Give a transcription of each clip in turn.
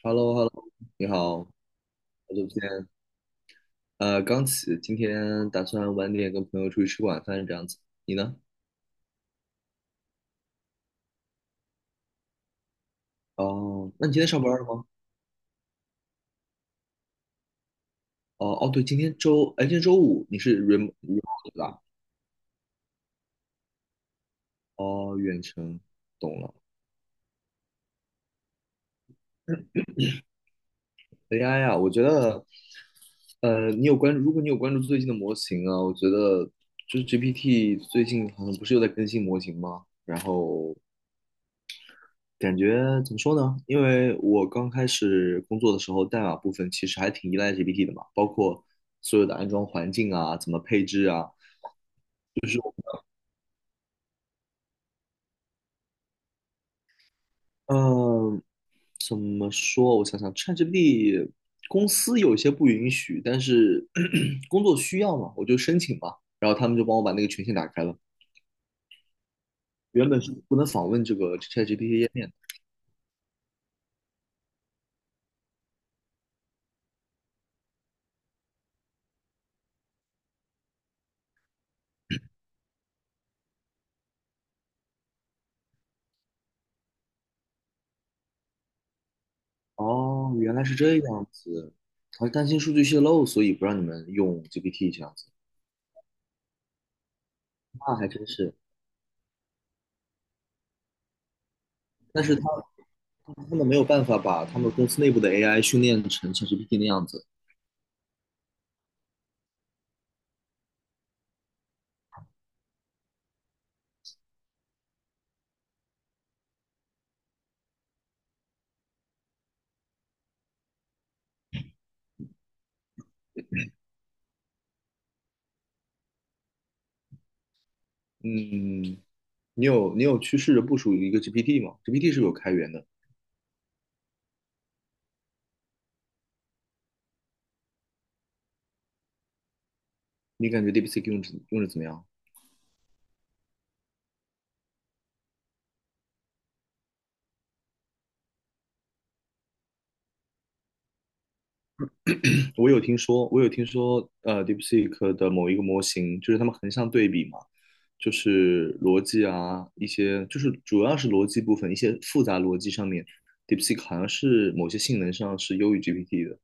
Hello hello 你好，好久不见。刚起，今天打算晚点跟朋友出去吃晚饭，这样子。你呢？哦，那你今天上班了吗？哦哦，对，今天周，哎，今天周五，你是 Remot 吧？哦，远程，懂了。AI 啊，我觉得，你有关注，如果你有关注最近的模型啊，我觉得就是 GPT 最近好像不是又在更新模型吗？然后感觉怎么说呢？因为我刚开始工作的时候，代码部分其实还挺依赖 GPT 的嘛，包括所有的安装环境啊，怎么配置啊，嗯，怎么说？我想想，ChatGPT 公司有些不允许，但是 工作需要嘛，我就申请嘛，然后他们就帮我把那个权限打开了。原本是不能访问这个 ChatGPT 页面的。哦，原来是这样子，好像担心数据泄露，所以不让你们用 GPT 这样子，那还真是。但是他们没有办法把他们公司内部的 AI 训练成像 GPT 那样子。嗯，你有去试着部署一个 GPT 吗？GPT 是有开源的，你感觉 DeepSeek 用着用着怎么样？我有听说，DeepSeek 的某一个模型，就是他们横向对比嘛，就是逻辑啊，一些就是主要是逻辑部分，一些复杂逻辑上面，DeepSeek 好像是某些性能上是优于 GPT 的。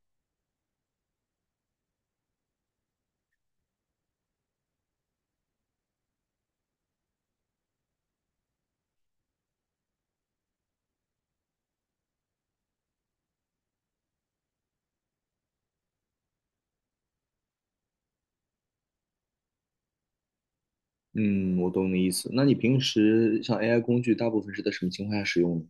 嗯，我懂你意思。那你平时像 AI 工具，大部分是在什么情况下使用呢？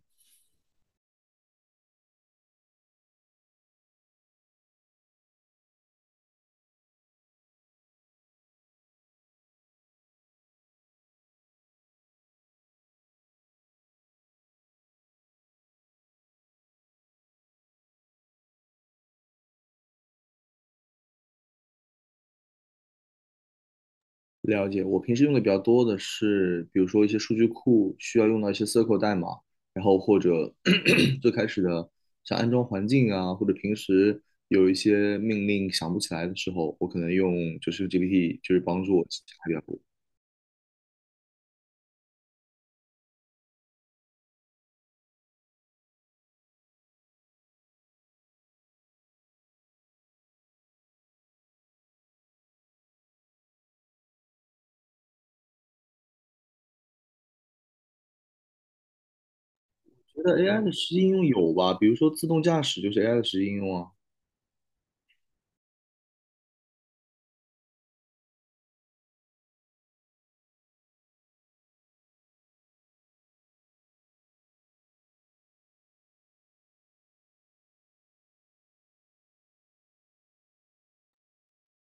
了解，我平时用的比较多的是，比如说一些数据库需要用到一些 SQL 代码，然后或者 最开始的像安装环境啊，或者平时有一些命令想不起来的时候，我可能用就是 GPT，就是帮助我记起来比较多。觉得 AI 的实际应用有吧，比如说自动驾驶就是 AI 的实际应用啊。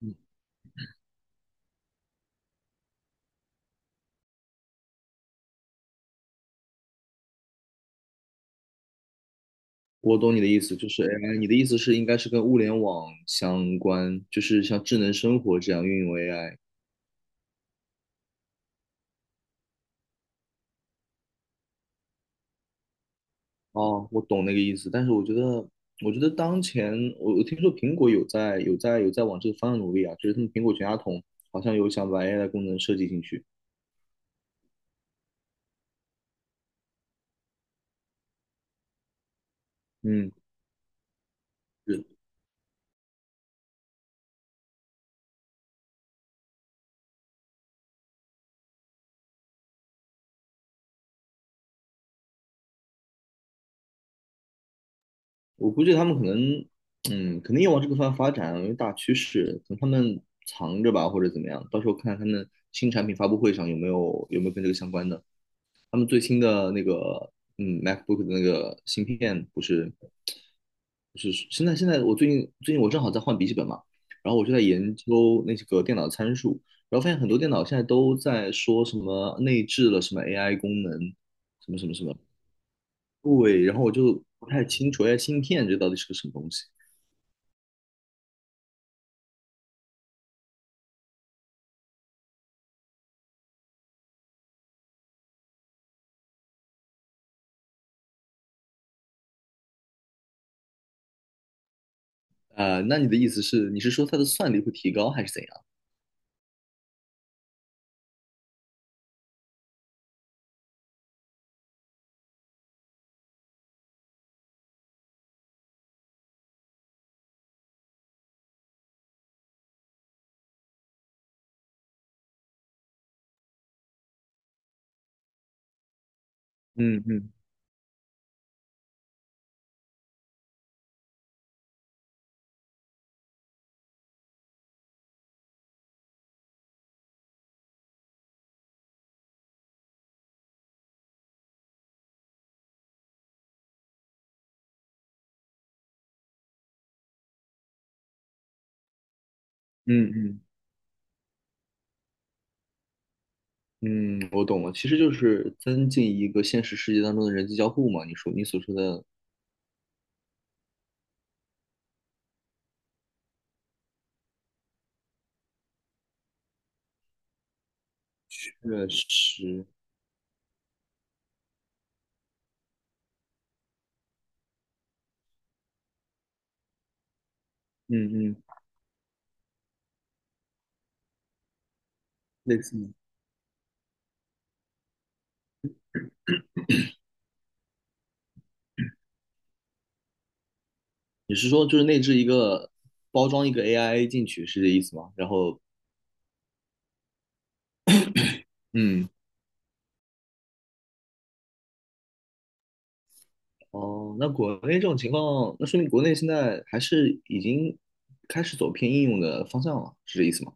嗯，我懂你的意思，就是 AI，你的意思是应该是跟物联网相关，就是像智能生活这样运用 AI。哦，我懂那个意思，但是我觉得当前我听说苹果有在往这个方向努力啊，就是他们苹果全家桶好像有想把 AI 的功能设计进去。嗯，是我估计他们可能，嗯，肯定要往这个方向发展啊，因为大趋势，等他们藏着吧，或者怎么样，到时候看看他们新产品发布会上有没有跟这个相关的。他们最新的那个MacBook 的那个芯片不是现在我最近我正好在换笔记本嘛，然后我就在研究那几个电脑参数，然后发现很多电脑现在都在说什么内置了什么 AI 功能，什么什么什么，对，然后我就不太清楚 AI 芯片这到底是个什么东西。啊、那你的意思是，你是说它的算力会提高还是怎样？嗯嗯嗯嗯嗯，我懂了，其实就是增进一个现实世界当中的人机交互嘛。你所说的确实，嗯嗯，类似于你是说就是内置一个包装一个 AI 进去是这意思吗？然后，嗯，哦，那国内这种情况，那说明国内现在还是已经开始走偏应用的方向了，是这意思吗？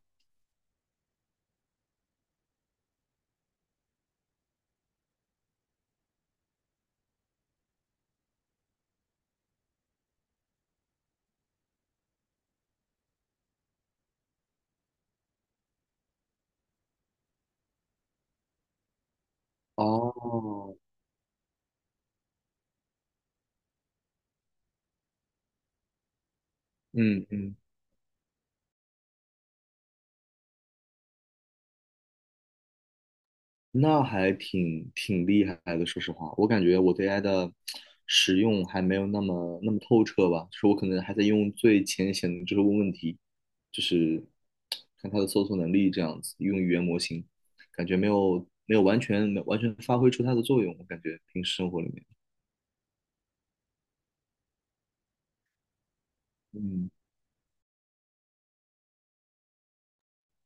哦，嗯嗯，那还挺厉害的，说实话，我感觉我对 AI 的使用还没有那么透彻吧，就是我可能还在用最浅显的，就是问问题，就是看它的搜索能力这样子，用语言模型，感觉没有完全发挥出它的作用，我感觉平时生活里面，嗯，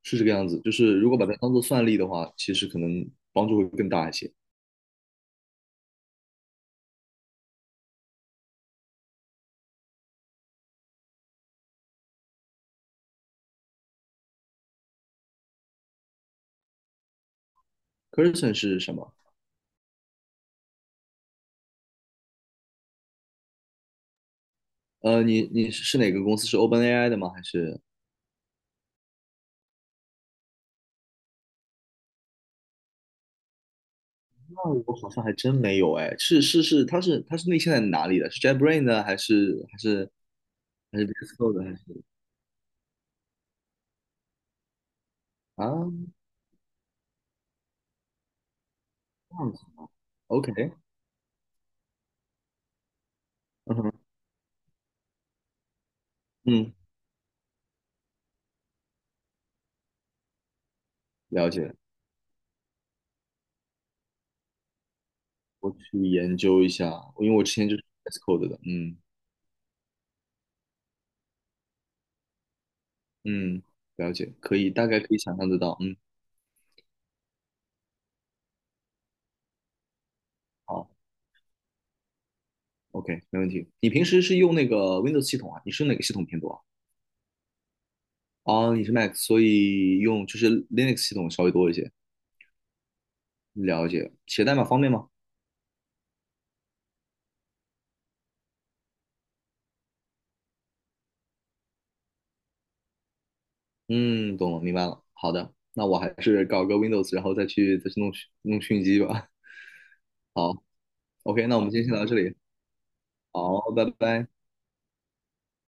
是这个样子，就是如果把它当做算力的话，其实可能帮助会更大一些。Curson 是什么？你是哪个公司？是 OpenAI 的吗？还是？那我好像还真没有哎，是是是，他是内嵌在哪里的？是 JetBrains 呢，还是 v s c o d 的？还是啊，这样子，OK，嗯哼，嗯，了解，我去研究一下，因为我之前就是 VSCode 的，嗯嗯，了解，可以，大概可以想象得到，嗯，好，OK，没问题。你平时是用那个 Windows 系统啊？你是哪个系统偏多啊？哦，你是 Mac，所以用就是 Linux 系统稍微多一些，了解。写代码方便吗？嗯，懂了，明白了。好的，那我还是搞个 Windows，然后再去弄讯机吧。好，OK，那我们今天先聊到这里。好，拜拜。